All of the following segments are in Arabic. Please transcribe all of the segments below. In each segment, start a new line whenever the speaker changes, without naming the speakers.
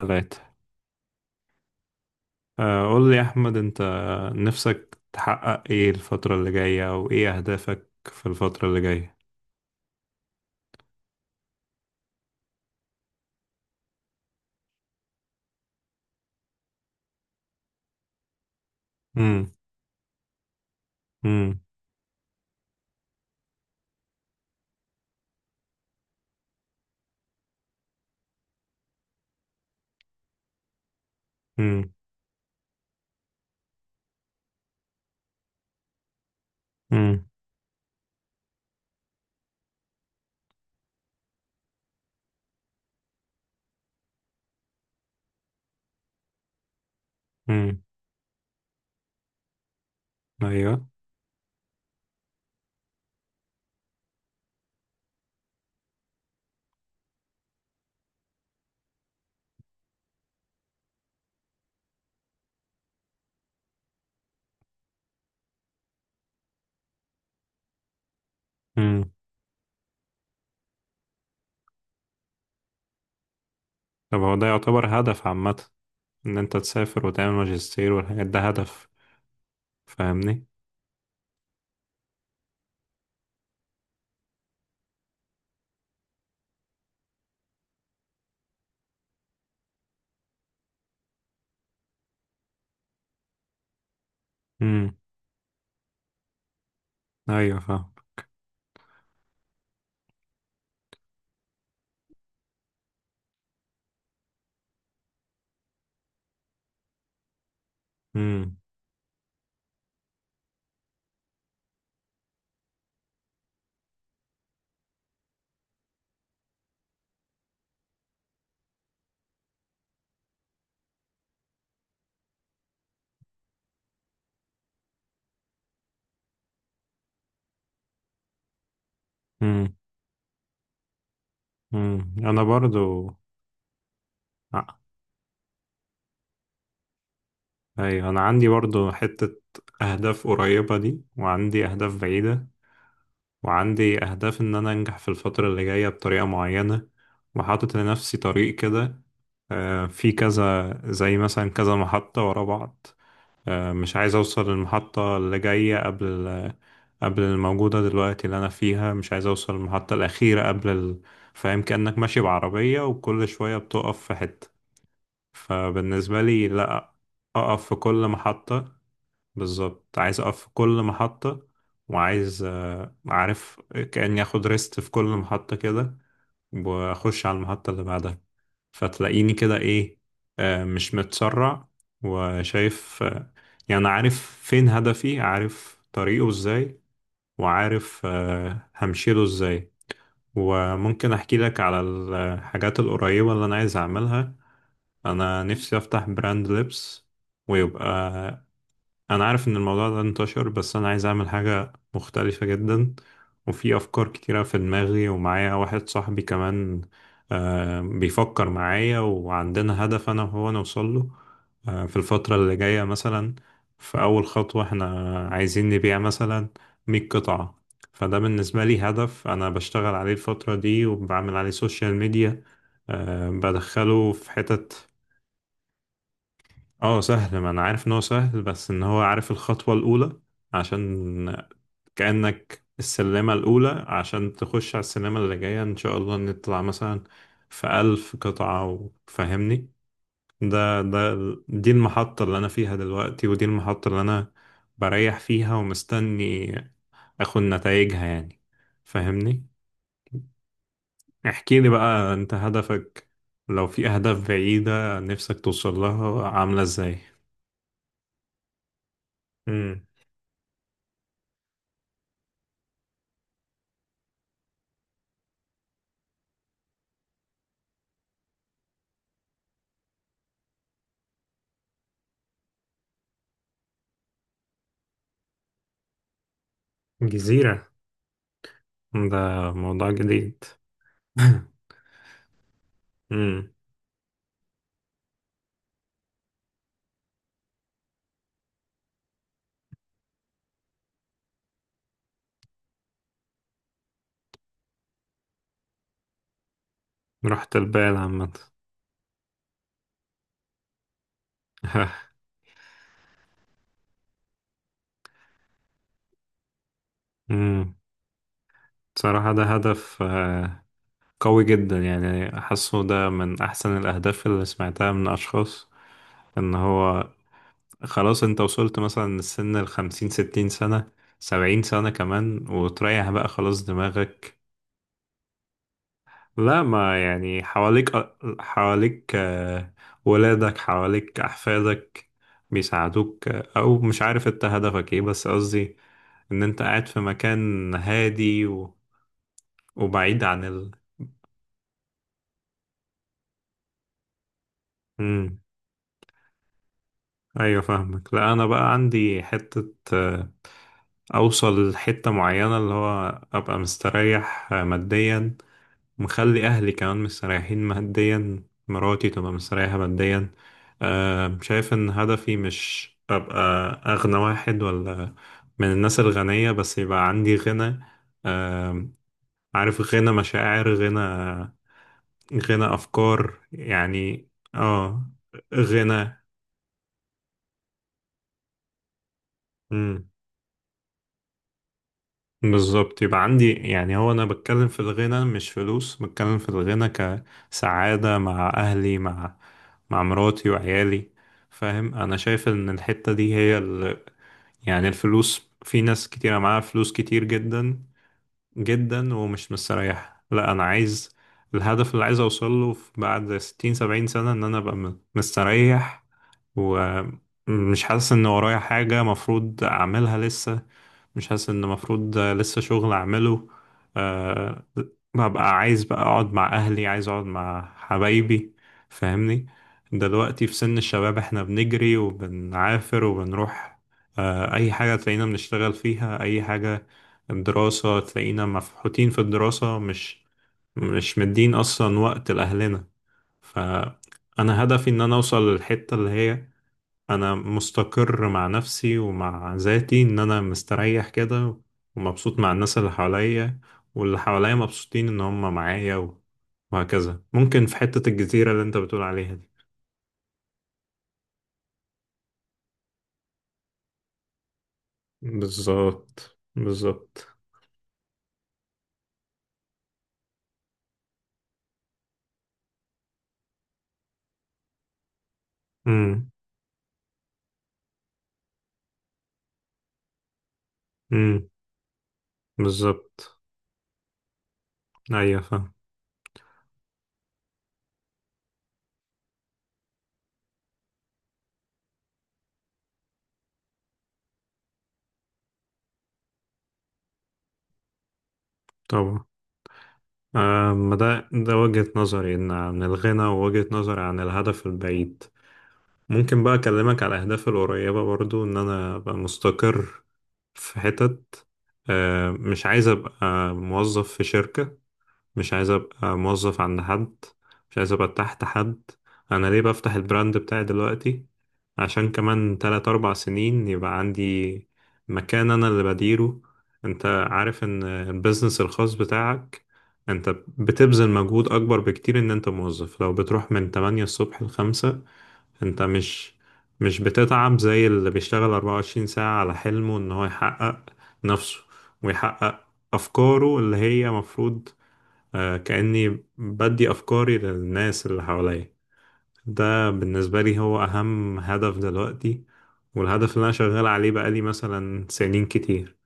ثلاثة. قول لي يا أحمد، أنت نفسك تحقق إيه الفترة اللي جاية، أو إيه أهدافك في الفترة اللي جاية؟ مم. مم. مم. مم. مم. أيوه. مم. طب هو ده يعتبر هدف عامة، إن أنت تسافر وتعمل ماجستير والحاجات ده هدف، فاهمني؟ مم. أيوه فاهم. مم. مم. مم. أنا برضو آه، أيوه، أنا عندي برضو حتة أهداف قريبة دي، وعندي أهداف بعيدة، وعندي أهداف إن أنا أنجح في الفترة اللي جاية بطريقة معينة، وحاطط لنفسي طريق كده. في كذا، زي مثلا كذا محطة ورا بعض. مش عايز أوصل للمحطة اللي جاية قبل قبل الموجودة دلوقتي اللي أنا فيها، مش عايز أوصل للمحطة الأخيرة قبل. فاهم، كأنك ماشي بعربية وكل شوية بتقف في حتة. فبالنسبة لي، لأ. أقف في كل محطة. بالظبط، عايز اقف في كل محطة. وعايز عارف، كأني اخد ريست في كل محطة كده، واخش على المحطة اللي بعدها. فتلاقيني كده ايه، مش متسرع، وشايف، يعني عارف فين هدفي، عارف طريقه ازاي، وعارف همشيله ازاي. وممكن احكي لك على الحاجات القريبة اللي انا عايز اعملها. انا نفسي افتح براند لبس، ويبقى انا عارف ان الموضوع ده انتشر، بس انا عايز اعمل حاجة مختلفة جدا. وفي افكار كتيرة في دماغي، ومعايا واحد صاحبي كمان بيفكر معايا، وعندنا هدف انا وهو نوصل له في الفترة اللي جاية. مثلا في اول خطوة احنا عايزين نبيع مثلا 100 قطعة. فده بالنسبة لي هدف انا بشتغل عليه الفترة دي، وبعمل عليه سوشيال ميديا. بدخله في حتت. اه سهل، ما انا عارف ان هو سهل، بس ان هو عارف الخطوة الاولى، عشان كأنك السلمة الاولى عشان تخش على السلمة اللي جاية، ان شاء الله نطلع مثلا في 1000 قطعة. وفهمني، ده دي المحطة اللي انا فيها دلوقتي، ودي المحطة اللي انا بريح فيها ومستني اخد نتائجها يعني. فهمني، احكي لي بقى انت هدفك، لو في اهداف بعيدة نفسك توصل لها عاملة ازاي. امم. جزيرة. ده موضوع جديد. امم. رحت البال عامة. امم. صراحة ده هدف قوي جدا، يعني حاسه ده من أحسن الأهداف اللي سمعتها من أشخاص. إن هو خلاص، أنت وصلت مثلا للسن 50، 60 سنة، 70 سنة كمان، وتريح بقى خلاص دماغك. لا، ما يعني حواليك، حواليك ولادك، حواليك أحفادك بيساعدوك، أو مش عارف أنت هدفك إيه، بس قصدي إن أنت قاعد في مكان هادي وبعيد عن ال. مم. أيوة فاهمك. لا، أنا بقى عندي حتة، أوصل لحتة معينة، اللي هو أبقى مستريح ماديا، مخلي أهلي كمان مستريحين ماديا، مراتي تبقى مستريحة ماديا. شايف إن هدفي مش أبقى أغنى واحد، ولا من الناس الغنية، بس يبقى عندي غنى. آه، عارف، غنى مشاعر، غنى، غنى أفكار يعني. اه غنى. بالظبط، يبقى عندي. يعني هو انا بتكلم في الغنى مش فلوس، بتكلم في الغنى كسعادة مع اهلي، مع مراتي وعيالي. فاهم، انا شايف ان الحتة دي هي. يعني الفلوس، في ناس كتيرة معاها فلوس كتير جدا جدا ومش مستريحة. لا انا عايز الهدف اللي عايز اوصل له بعد 60 70 سنة، ان انا ابقى مستريح، ومش حاسس ان ورايا حاجة مفروض اعملها لسه، مش حاسس ان المفروض لسه شغل اعمله. أه، ببقى عايز بقى اقعد مع اهلي، عايز اقعد مع حبايبي. فاهمني، دلوقتي في سن الشباب، احنا بنجري وبنعافر وبنروح. أه اي حاجة تلاقينا بنشتغل فيها، اي حاجة. الدراسة تلاقينا مفحوطين في الدراسة، مش مدين اصلا وقت لاهلنا. فانا هدفي ان انا اوصل للحتة اللي هي انا مستقر مع نفسي ومع ذاتي، ان انا مستريح كده، ومبسوط مع الناس اللي حواليا، واللي حواليا مبسوطين ان هم معايا وهكذا. ممكن في حتة الجزيرة اللي انت بتقول عليها دي. بالظبط بالظبط. امم امم. بالظبط. ايوه فاهم. طبعا، آه ما ده وجهة نظري، ان عن الغنى، ووجهة نظري عن الهدف البعيد. ممكن بقى أكلمك على أهدافي القريبة برضو، إن أنا أبقى مستقر في حتت. مش عايز أبقى موظف في شركة، مش عايز أبقى موظف عند حد، مش عايز أبقى تحت حد. أنا ليه بفتح البراند بتاعي دلوقتي؟ عشان كمان تلات أربع سنين يبقى عندي مكان أنا اللي بديره. أنت عارف إن البيزنس الخاص بتاعك، أنت بتبذل مجهود أكبر بكتير إن أنت موظف. لو بتروح من 8 الصبح لخمسة، انت مش بتتعب زي اللي بيشتغل 24 ساعة على حلمه، ان هو يحقق نفسه، ويحقق افكاره اللي هي مفروض. كأني بدي افكاري للناس اللي حواليا. ده بالنسبة لي هو اهم هدف دلوقتي، والهدف اللي انا شغال عليه بقالي مثلا سنين كتير.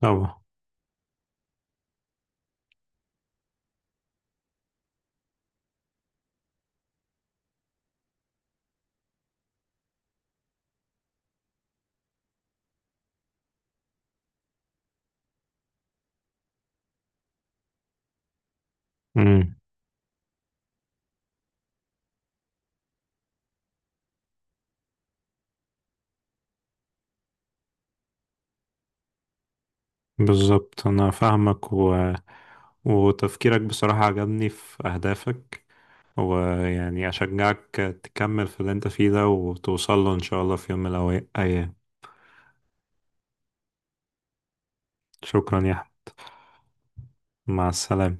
طبعا. امم. بالظبط انا فاهمك، وتفكيرك بصراحة عجبني في أهدافك، ويعني أشجعك تكمل في اللي أنت فيه ده، وتوصل له إن شاء الله في يوم من الأيام. شكرا يا أحمد، مع السلامة.